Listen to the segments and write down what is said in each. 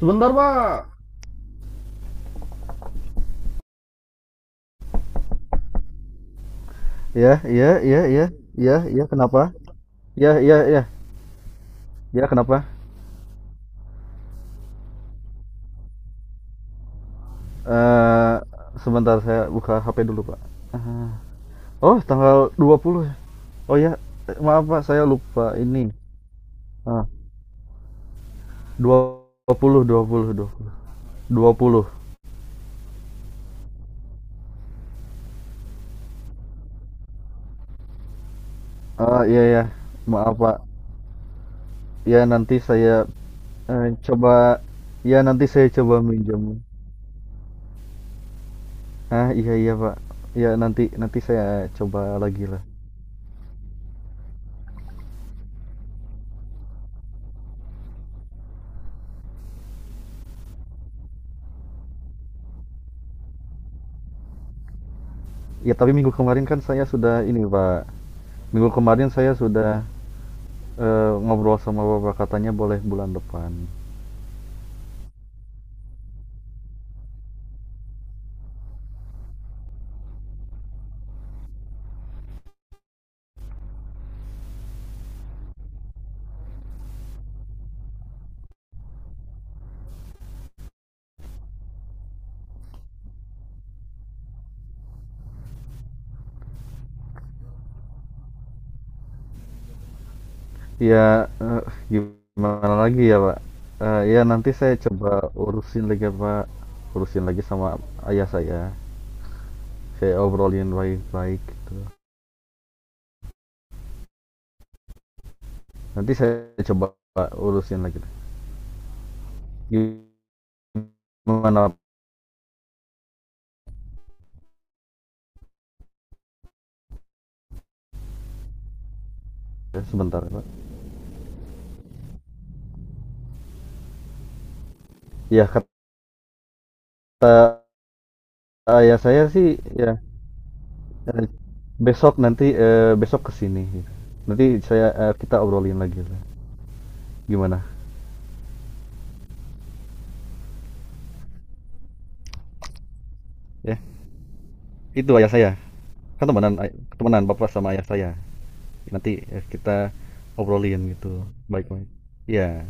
Sebentar, Pak. Ya, iya, iya, iya, iya, iya, kenapa? Ya, iya, iya, ya, kenapa? Eh, Sebentar saya buka HP dulu, Pak. Ah, oh, tanggal 20 ya. Oh ya, maaf Pak, saya lupa ini. Ah, 20, 20, 20. 20. Iya ya. Maaf Pak. Ya nanti saya eh, coba Ya nanti saya coba minjem. Iya iya Pak. Ya nanti nanti saya coba lagi lah. Ya tapi minggu kemarin kan saya sudah ini Pak. Minggu kemarin saya sudah ngobrol sama Bapak, katanya boleh bulan depan. Ya gimana lagi ya Pak? Ya nanti saya coba urusin lagi Pak, urusin lagi sama ayah saya. Saya obrolin baik-baik gitu. Nanti saya coba Pak, urusin lagi. Gimana Pak? Sebentar Pak? Ya kata ayah saya sih ya eh, besok nanti besok kesini. Nanti kita obrolin lagi Pak. Gimana? Ya. Itu ayah saya kan temenan temenan bapak sama ayah saya. Nanti kita obrolin gitu baik baik ya.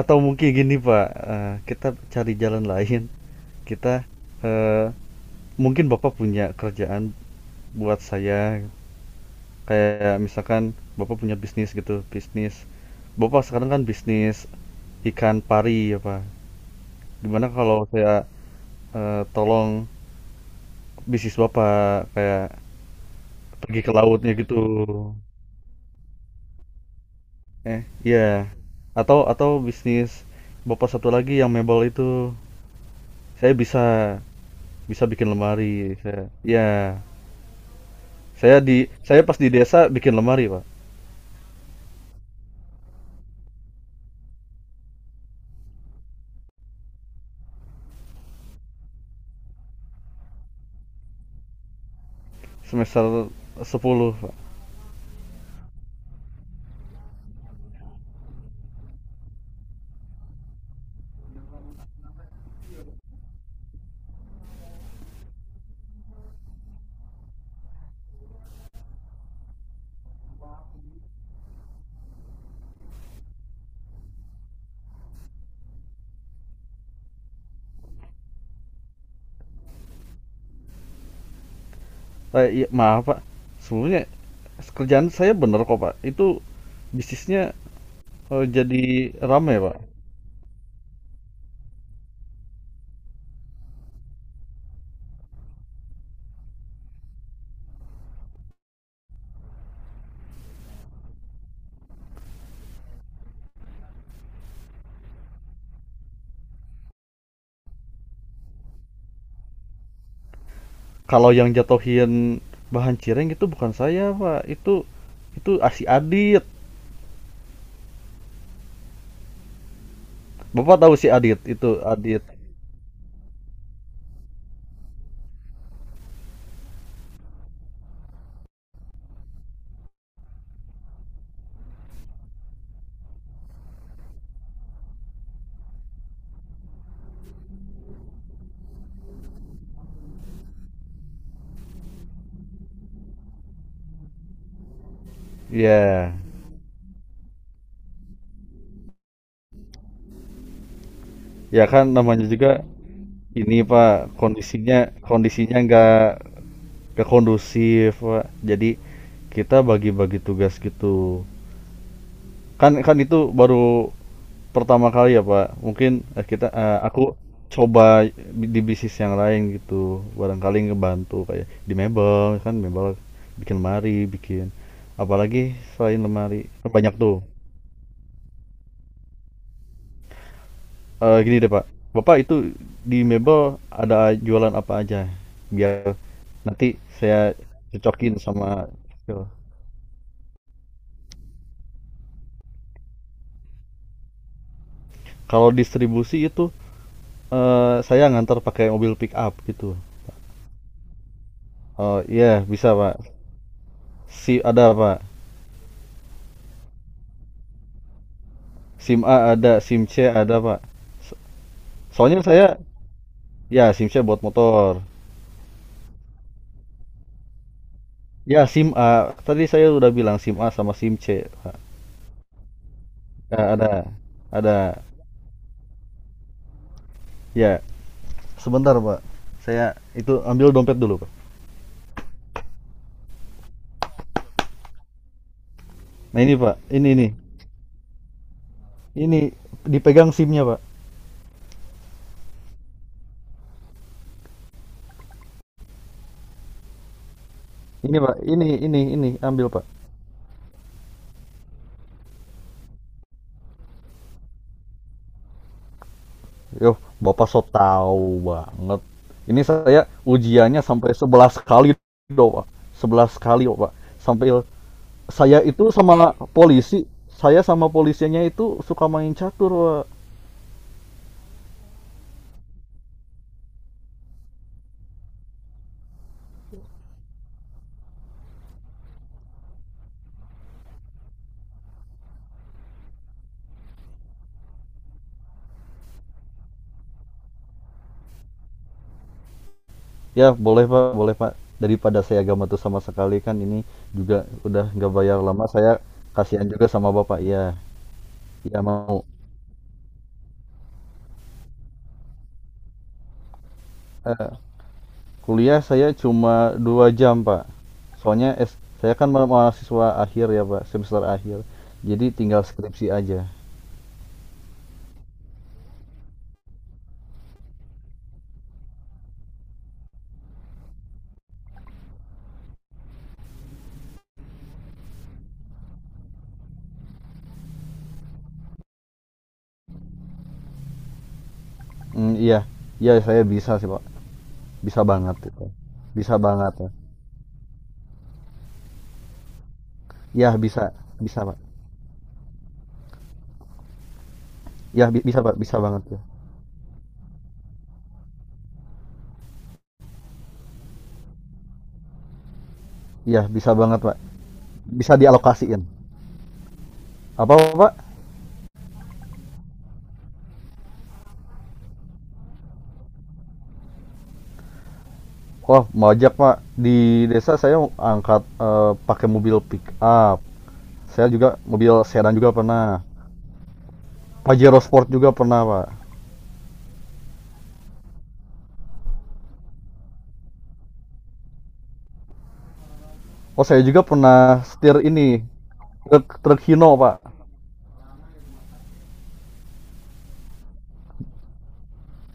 Atau mungkin gini pak, kita cari jalan lain. Kita eh, mungkin bapak punya kerjaan buat saya, kayak misalkan bapak punya bisnis gitu. Bisnis bapak sekarang kan bisnis ikan pari ya pak. Gimana kalau saya tolong bisnis bapak kayak pergi ke lautnya gitu. Iya. Atau bisnis bapak satu lagi yang mebel itu, saya bisa bisa bikin lemari. Saya, ya Saya di saya pas di desa bikin lemari Pak. semester 10 Pak. Iya, maaf Pak, sebenarnya kerjaan saya bener kok Pak, itu bisnisnya jadi ramai Pak. Kalau yang jatuhin bahan cireng itu bukan saya Pak, itu si Adit. Bapak tahu si Adit, itu Adit. Iya. Ya kan namanya juga ini Pak, kondisinya kondisinya nggak kondusif Pak. Jadi kita bagi-bagi tugas gitu. Kan kan itu baru pertama kali ya Pak. Mungkin aku coba di bisnis yang lain gitu. Barangkali ngebantu kayak di mebel, kan mebel bikin lemari bikin, apalagi selain lemari kan banyak tuh. Gini deh, Pak, Bapak itu di mebel ada jualan apa aja? Biar nanti saya cocokin sama skill. Kalau distribusi itu, saya ngantar pakai mobil pick up gitu. Oh, iya bisa, Pak. Si ada, Pak. SIM A ada, SIM C ada, Pak. So soalnya saya ya SIM C buat motor. Ya SIM A, tadi saya udah bilang SIM A sama SIM C, Pak. Ya ada ada. Ya, sebentar, Pak. Saya itu ambil dompet dulu, Pak. Nah ini Pak, ini nih, ini dipegang SIM-nya Pak. Ini Pak, ini ambil Pak. Yo, Bapak so tahu banget. Ini saya ujiannya sampai 11 kali doh Pak. 11 kali oh, Pak. Sampai saya itu sama polisi, saya sama polisinya itu suka main catur Pak. Ya boleh Pak, boleh Pak. Daripada saya gak matu sama sekali, kan ini juga udah nggak bayar lama, saya kasihan juga sama Bapak. Iya, iya mau. Kuliah saya cuma 2 jam pak, soalnya saya kan mahasiswa akhir ya pak, semester akhir, jadi tinggal skripsi aja. Mm, iya iya saya bisa sih pak, bisa banget itu, bisa banget ya, iya bisa bisa pak, iya bisa pak, bisa banget ya, iya bisa banget pak, bisa dialokasiin apa pak. Wah mau ajak pak, di desa saya angkat pakai mobil pick up, saya juga mobil sedan juga pernah, Pajero Sport juga pernah pak. Oh saya juga pernah setir ini truk truk Hino pak.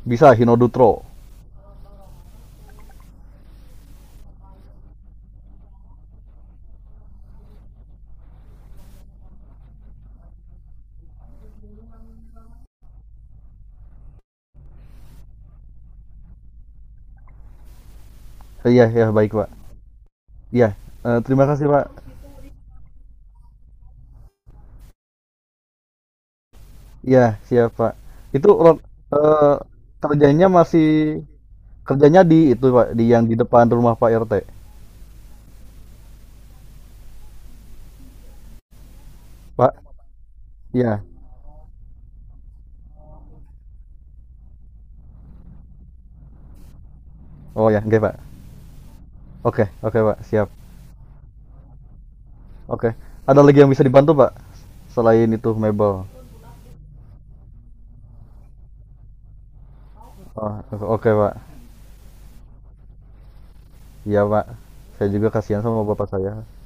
Bisa Hino Dutro. Iya ya baik pak. Iya terima kasih pak. Iya siap pak. Itu ro- eh, kerjanya masih Kerjanya di itu pak, di yang di depan rumah Pak RT. Pak. Iya. Oh ya oke pak. Oke oke pak siap. Oke. Ada lagi yang bisa dibantu pak, selain itu mebel. Oh, oke pak. Iya pak. Saya juga kasihan sama bapak saya.